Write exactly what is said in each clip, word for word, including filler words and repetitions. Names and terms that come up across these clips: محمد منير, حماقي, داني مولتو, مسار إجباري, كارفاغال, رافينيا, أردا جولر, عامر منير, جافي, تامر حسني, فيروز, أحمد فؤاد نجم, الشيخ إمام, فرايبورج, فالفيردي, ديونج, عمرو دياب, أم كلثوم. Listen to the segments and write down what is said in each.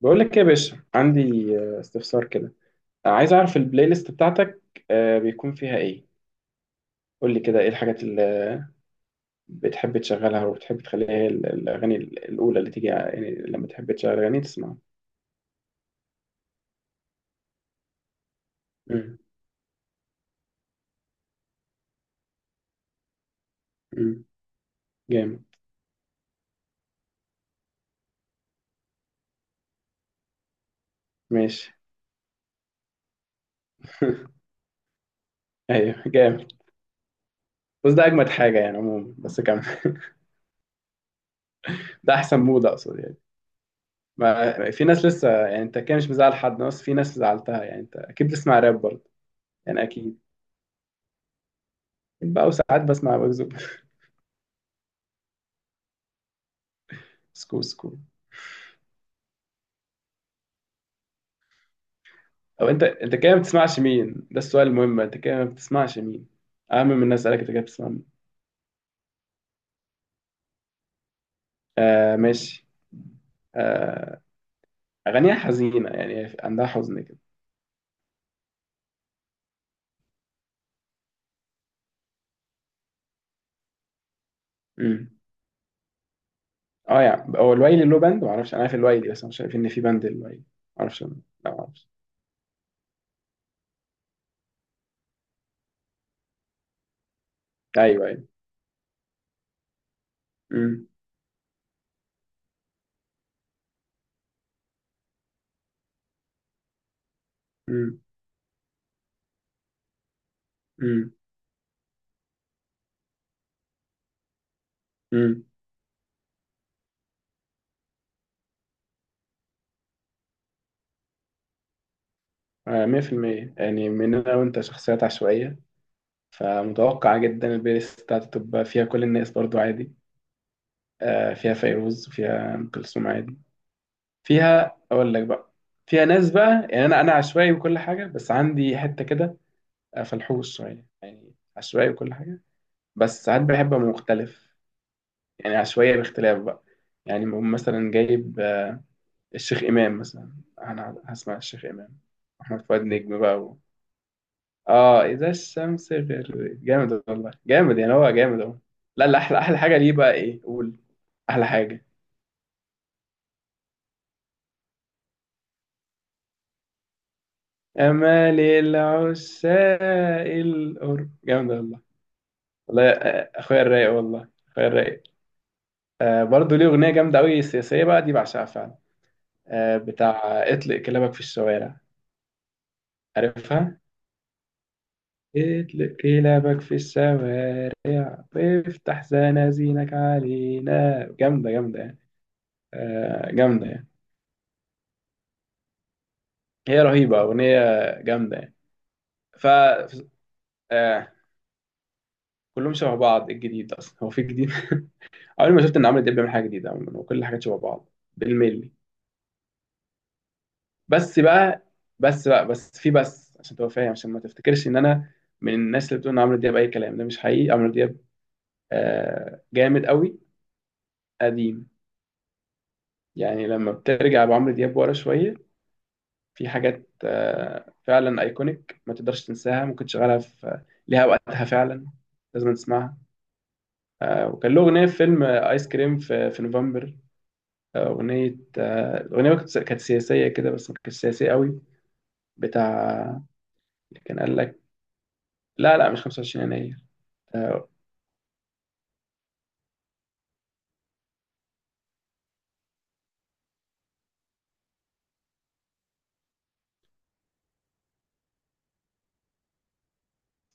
بقول لك إيه يا باشا، عندي آه، استفسار كده. آه، عايز اعرف البلاي ليست بتاعتك آه، بيكون فيها ايه. قول لي كده ايه الحاجات اللي بتحب تشغلها وبتحب تخليها هي ال- الاغاني ال- الاولى اللي تيجي، يعني لما تحب تشغل اغاني تسمعها. مم. مم. جامد. ماشي. ايوه جامد. بس ده اجمد حاجه يعني عموما، بس كمل. ده احسن مود اقصد يعني. ما في ناس لسه يعني، انت كده مش مزعل حد، بس في ناس زعلتها. يعني انت اكيد بتسمع راب برضه. يعني اكيد. بقى، وساعات بسمع بكذب. سكو سكو. او انت انت كده ما بتسمعش مين؟ ده السؤال المهم، انت كده ما بتسمعش مين اهم من الناس؟ اسالك انت كده بتسمع مين؟ آه ماشي. آه اغانيها حزينه يعني، عندها حزن كده. امم. اه يعني هو الويلي له باند؟ ما اعرفش، انا عارف الويلي بس أنا مش عارف ان في باند الويلي، ما اعرفش أنا. لا ما اعرفش. ايوه ايوه. امم. امم. امم. امم. آه مية في المية يعني، من انا وانت شخصيات عشوائيه، فمتوقع جدا البلاي ليست بتاعتي تبقى فيها كل الناس برضو عادي. آه فيها فيروز وفيها ام كلثوم عادي. فيها اقول لك بقى، فيها ناس بقى يعني، انا انا عشوائي وكل حاجه، بس عندي حته كده فلحوص شويه، يعني عشوائي وكل حاجه، بس ساعات بحب ابقى مختلف، يعني عشوائيه باختلاف بقى. يعني بقوم مثلا جايب آه، الشيخ امام مثلا، انا هسمع الشيخ امام، احمد فؤاد نجم بقى و... اه اذا الشمس غربت، جامد والله، جامد يعني، هو جامد اهو. لا لا، احلى احلى حاجه ليه بقى ايه، قول. احلى حاجه امال العشاق القرب، جامد والله. والله آه، اخويا الرايق، والله اخويا الرايق. آه برضه ليه اغنيه جامده قوي سياسيه بقى دي، بعشقها فعلا. آه بتاع اطلق كلابك في الشوارع، عارفها. اطلق كلابك في الشوارع وافتح زنازينك علينا، جامده جامده يعني. آه جامده يعني، هي رهيبه اغنيه، جامده يعني. ف آه كلهم شبه بعض، إيه الجديد اصلا، هو في جديد؟ عمري ما شفت ان عمرو دياب بيعمل حاجه جديده عموما، وكل الحاجات شبه بعض بالملي. بس بقى بس بقى بس في بس عشان تبقى فاهم، عشان ما تفتكرش ان انا من الناس اللي بتقول ان عمرو دياب اي كلام، ده مش حقيقي. عمرو دياب آه جامد قوي قديم. يعني لما بترجع بعمرو دياب ورا شويه، في حاجات آه فعلا ايكونيك ما تقدرش تنساها، ممكن تشغلها في ليها وقتها فعلا، لازم تسمعها. آه وكان له اغنيه في فيلم آه، ايس كريم في, في نوفمبر. آه، اغنيه، آه، الاغنيه كانت كانت سياسيه كده بس ما كانتش سياسيه قوي. بتاع كان قال لك لا لا، مش 25 يناير. آه،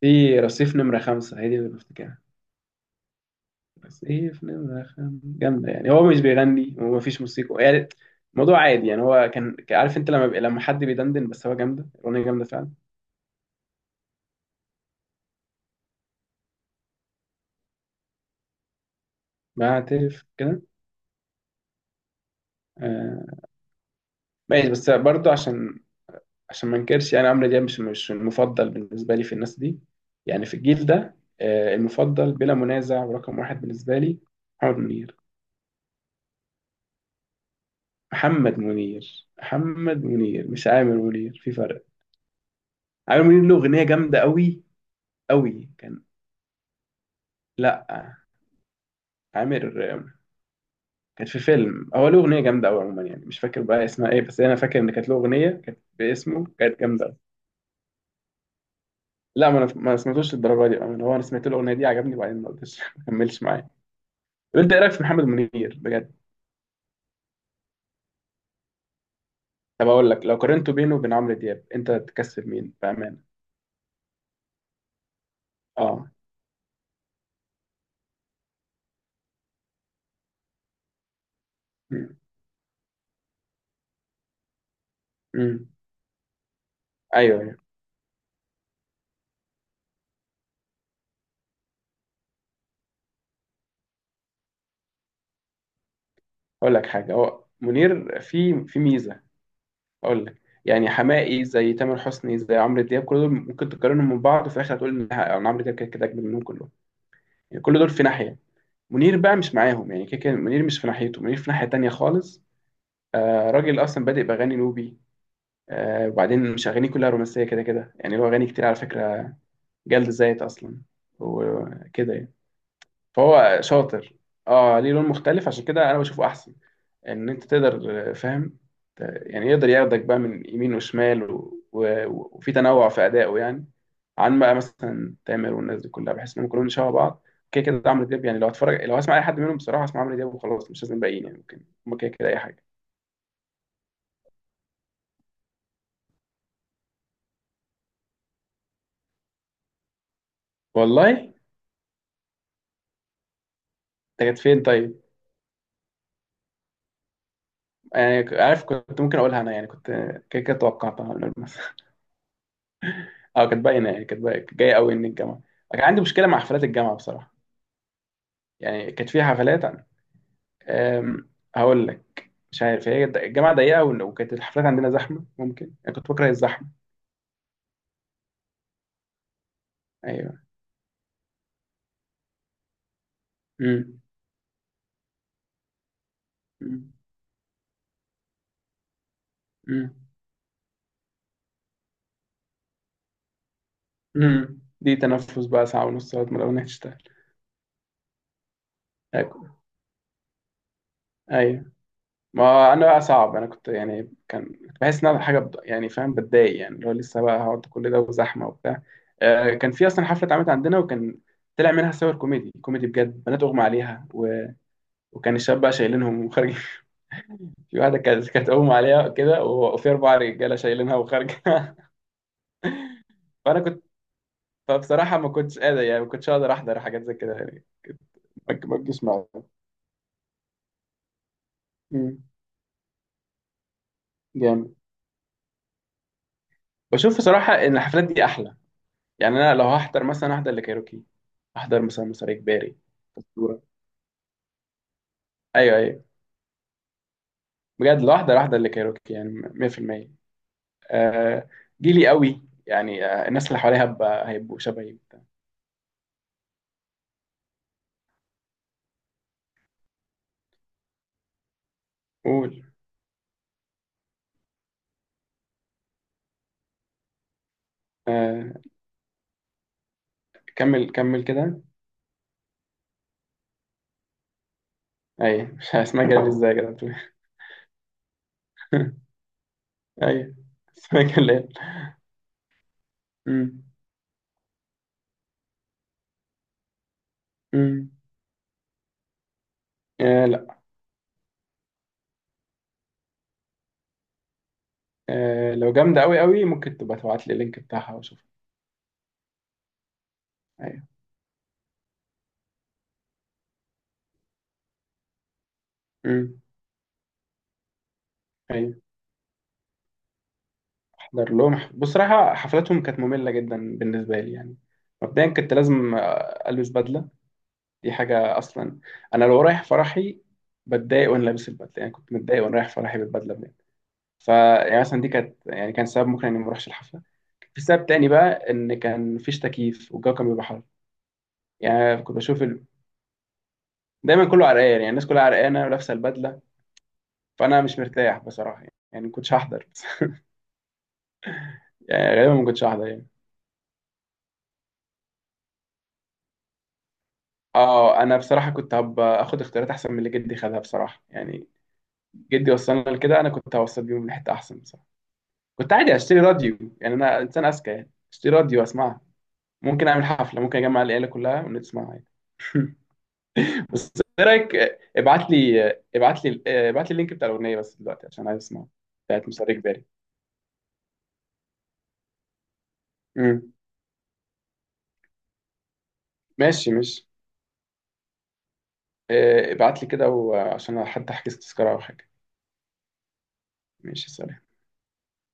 في رصيف نمرة خمسة، هي دي اللي بفتكرها. رصيف نمرة خمسة جامدة يعني، هو مش بيغني ومفيش موسيقى يعني، الموضوع عادي يعني، هو كان عارف انت لما بي... لما حد بيدندن بس، هو جامدة الأغنية جامدة فعلا. بعترف كده. آه، ماشي بس برضو عشان، عشان ما انكرش، يعني عمرو دياب مش مش المفضل بالنسبة لي في الناس دي، يعني في الجيل ده. آه، المفضل بلا منازع ورقم واحد بالنسبة لي محمد منير. محمد منير، محمد منير مش عامر منير، في فرق. عامر منير له أغنية جامدة قوي قوي كان، لا، عامر آه، كانت في فيلم، هو له اغنيه جامده قوي عموما يعني، مش فاكر بقى اسمها ايه، بس انا فاكر ان كانت له اغنيه كانت باسمه، كانت جامده أوي. لا ما انا ما سمعتوش للدرجه دي، أنا هو انا سمعت له الاغنيه دي، عجبني وبعدين ما قلتش ما كملش معايا. طب انت ايه رايك في محمد منير بجد؟ طب اقول لك لو قارنته بينه وبين عمرو دياب، انت تكسب مين بامانه؟ اه امم. ايوه ايوه. اقول لك حاجه، هو منير في في ميزه. اقول لك يعني، حماقي زي تامر حسني زي عمرو دياب، كل دول ممكن تقارنهم من بعض، وفي الاخر هتقول ان ح- إن عمرو دياب كده كده اجمد منهم كلهم. يعني كل دول في ناحيه، منير بقى مش معاهم، يعني كده كده منير مش في ناحيته، منير في ناحيه تانية خالص. آه راجل اصلا بادئ باغاني نوبي. آه وبعدين مش اغانيه كلها رومانسيه كده كده يعني، له اغاني كتير على فكره، جلد ذات اصلا، وكده يعني، فهو شاطر. اه ليه لون مختلف، عشان كده انا بشوفه احسن، ان انت تقدر آه، فاهم، ت- يعني يقدر ياخدك بقى من يمين وشمال و... و... وفي تنوع في ادائه يعني. عن بقى مثلا تامر والناس دي كلها، بحس انهم كلهم شبه بعض كده كده. عمرو دياب يعني لو هتفرج، لو هسمع اي حد منهم بصراحه اسمع عمرو دياب وخلاص، مش لازم باقيين، يعني ممكن هم كده كده اي حاجه. والله انت كانت فين طيب؟ يعني ك- عارف كنت ممكن اقولها انا يعني، كنت كده كده توقعتها من قبل مثلا. اه كانت باينه يعني، كانت باينة- كانت جايه قوي ان الجامعه. كان عندي مشكله مع حفلات الجامعه بصراحه. يعني كانت فيها حفلات أم، هقول لك مش عارف، هي الد- الجامعة ضيقة وال- وكانت الحفلات عندنا زحمة، ممكن أنا كنت بكره الزحمة. أيوه. أمم. أمم. أمم. أمم. دي تنفس بقى ساعة ونص لغاية ما الأغنية تشتغل. أكو- أيوه. ما أنا بقى صعب، أنا كنت يعني كان كنت بحس إن أنا حاجة بض- يعني فاهم بتضايق، يعني اللي هو لسه بقى هقعد كل ده وزحمة وبتاع. آه، كان في أصلا حفلة اتعملت عندنا، وكان طلع منها صور كوميدي كوميدي بجد، بنات أغمى عليها و... وكان الشباب بقى شايلينهم وخارج. في واحده كانت كانت اغمى عليها كده وفي اربع رجاله شايلينها وخارجه. فانا كنت، فبصراحه ما كنتش قادر يعني، ما كنتش اقدر احضر حاجات زي كده، يعني كنت- ما ما بجيش معايا. مم. جامد. بشوف بصراحه ان الحفلات دي احلى. يعني انا لو هحضر مثلا احضر لكايروكي، احضر مثلا مصاري كباري، اسطوره. ايوه ايوه. بجد لو احضر احضر لكايروكي يعني مية في المية. آه جيلي قوي يعني، آه الناس اللي حواليها هب- هيبقوا شبهي. قول. آه كمل كمل كده. ايوه مش اسمها، جايب ازاي كده بتقول. ايوه اسمها الليل. امم. امم. آه لا. آه لو جامده قوي قوي، ممكن تبقى تبعت لي اللينك بتاعها واشوفها. ايوه. امم. ايوه احضر لهم ح- بصراحه حفلاتهم كانت ممله جدا بالنسبه لي يعني. مبدئيا كنت لازم آه، البس بدله، دي حاجه اصلا، انا لو رايح فرحي بتضايق وانا لابس البدله، يعني كنت متضايق وانا رايح فرحي بالبدله بجد. فيعني مثلا دي كانت، يعني كان سبب ممكن اني ما اروحش الحفله. في سبب تاني بقى، ان كان مفيش تكييف والجو كان بيبقى حر، يعني كنت بشوف دايما كله عرقان، يعني الناس كلها عرقانه ولابسه البدله، فانا مش مرتاح بصراحه، يعني يعني ما كنتش هحضر بس. يعني غالبا ما كنتش هحضر يعني. اه انا بصراحه كنت هبقى اخد اختيارات احسن من اللي جدي خدها بصراحه يعني، جدي وصلنا لكده، انا كنت هوصل بيهم لحته احسن بصراحه. كنت عادي اشتري راديو، يعني انا انسان اذكى، يعني اشتري راديو اسمعها، ممكن اعمل حفله، ممكن اجمع العيله كلها ونسمعها يعني. بس ايه رايك، آه، ابعت لي آه، ابعت لي آه، ابعت لي اللينك بتاع الاغنيه بس دلوقتي عشان عايز اسمعها، بتاعت مسار اجباري. امم. ماشي ماشي. آه، ابعت لي كده وعشان حتى احجز تذكرة او حاجة. ماشي سلام.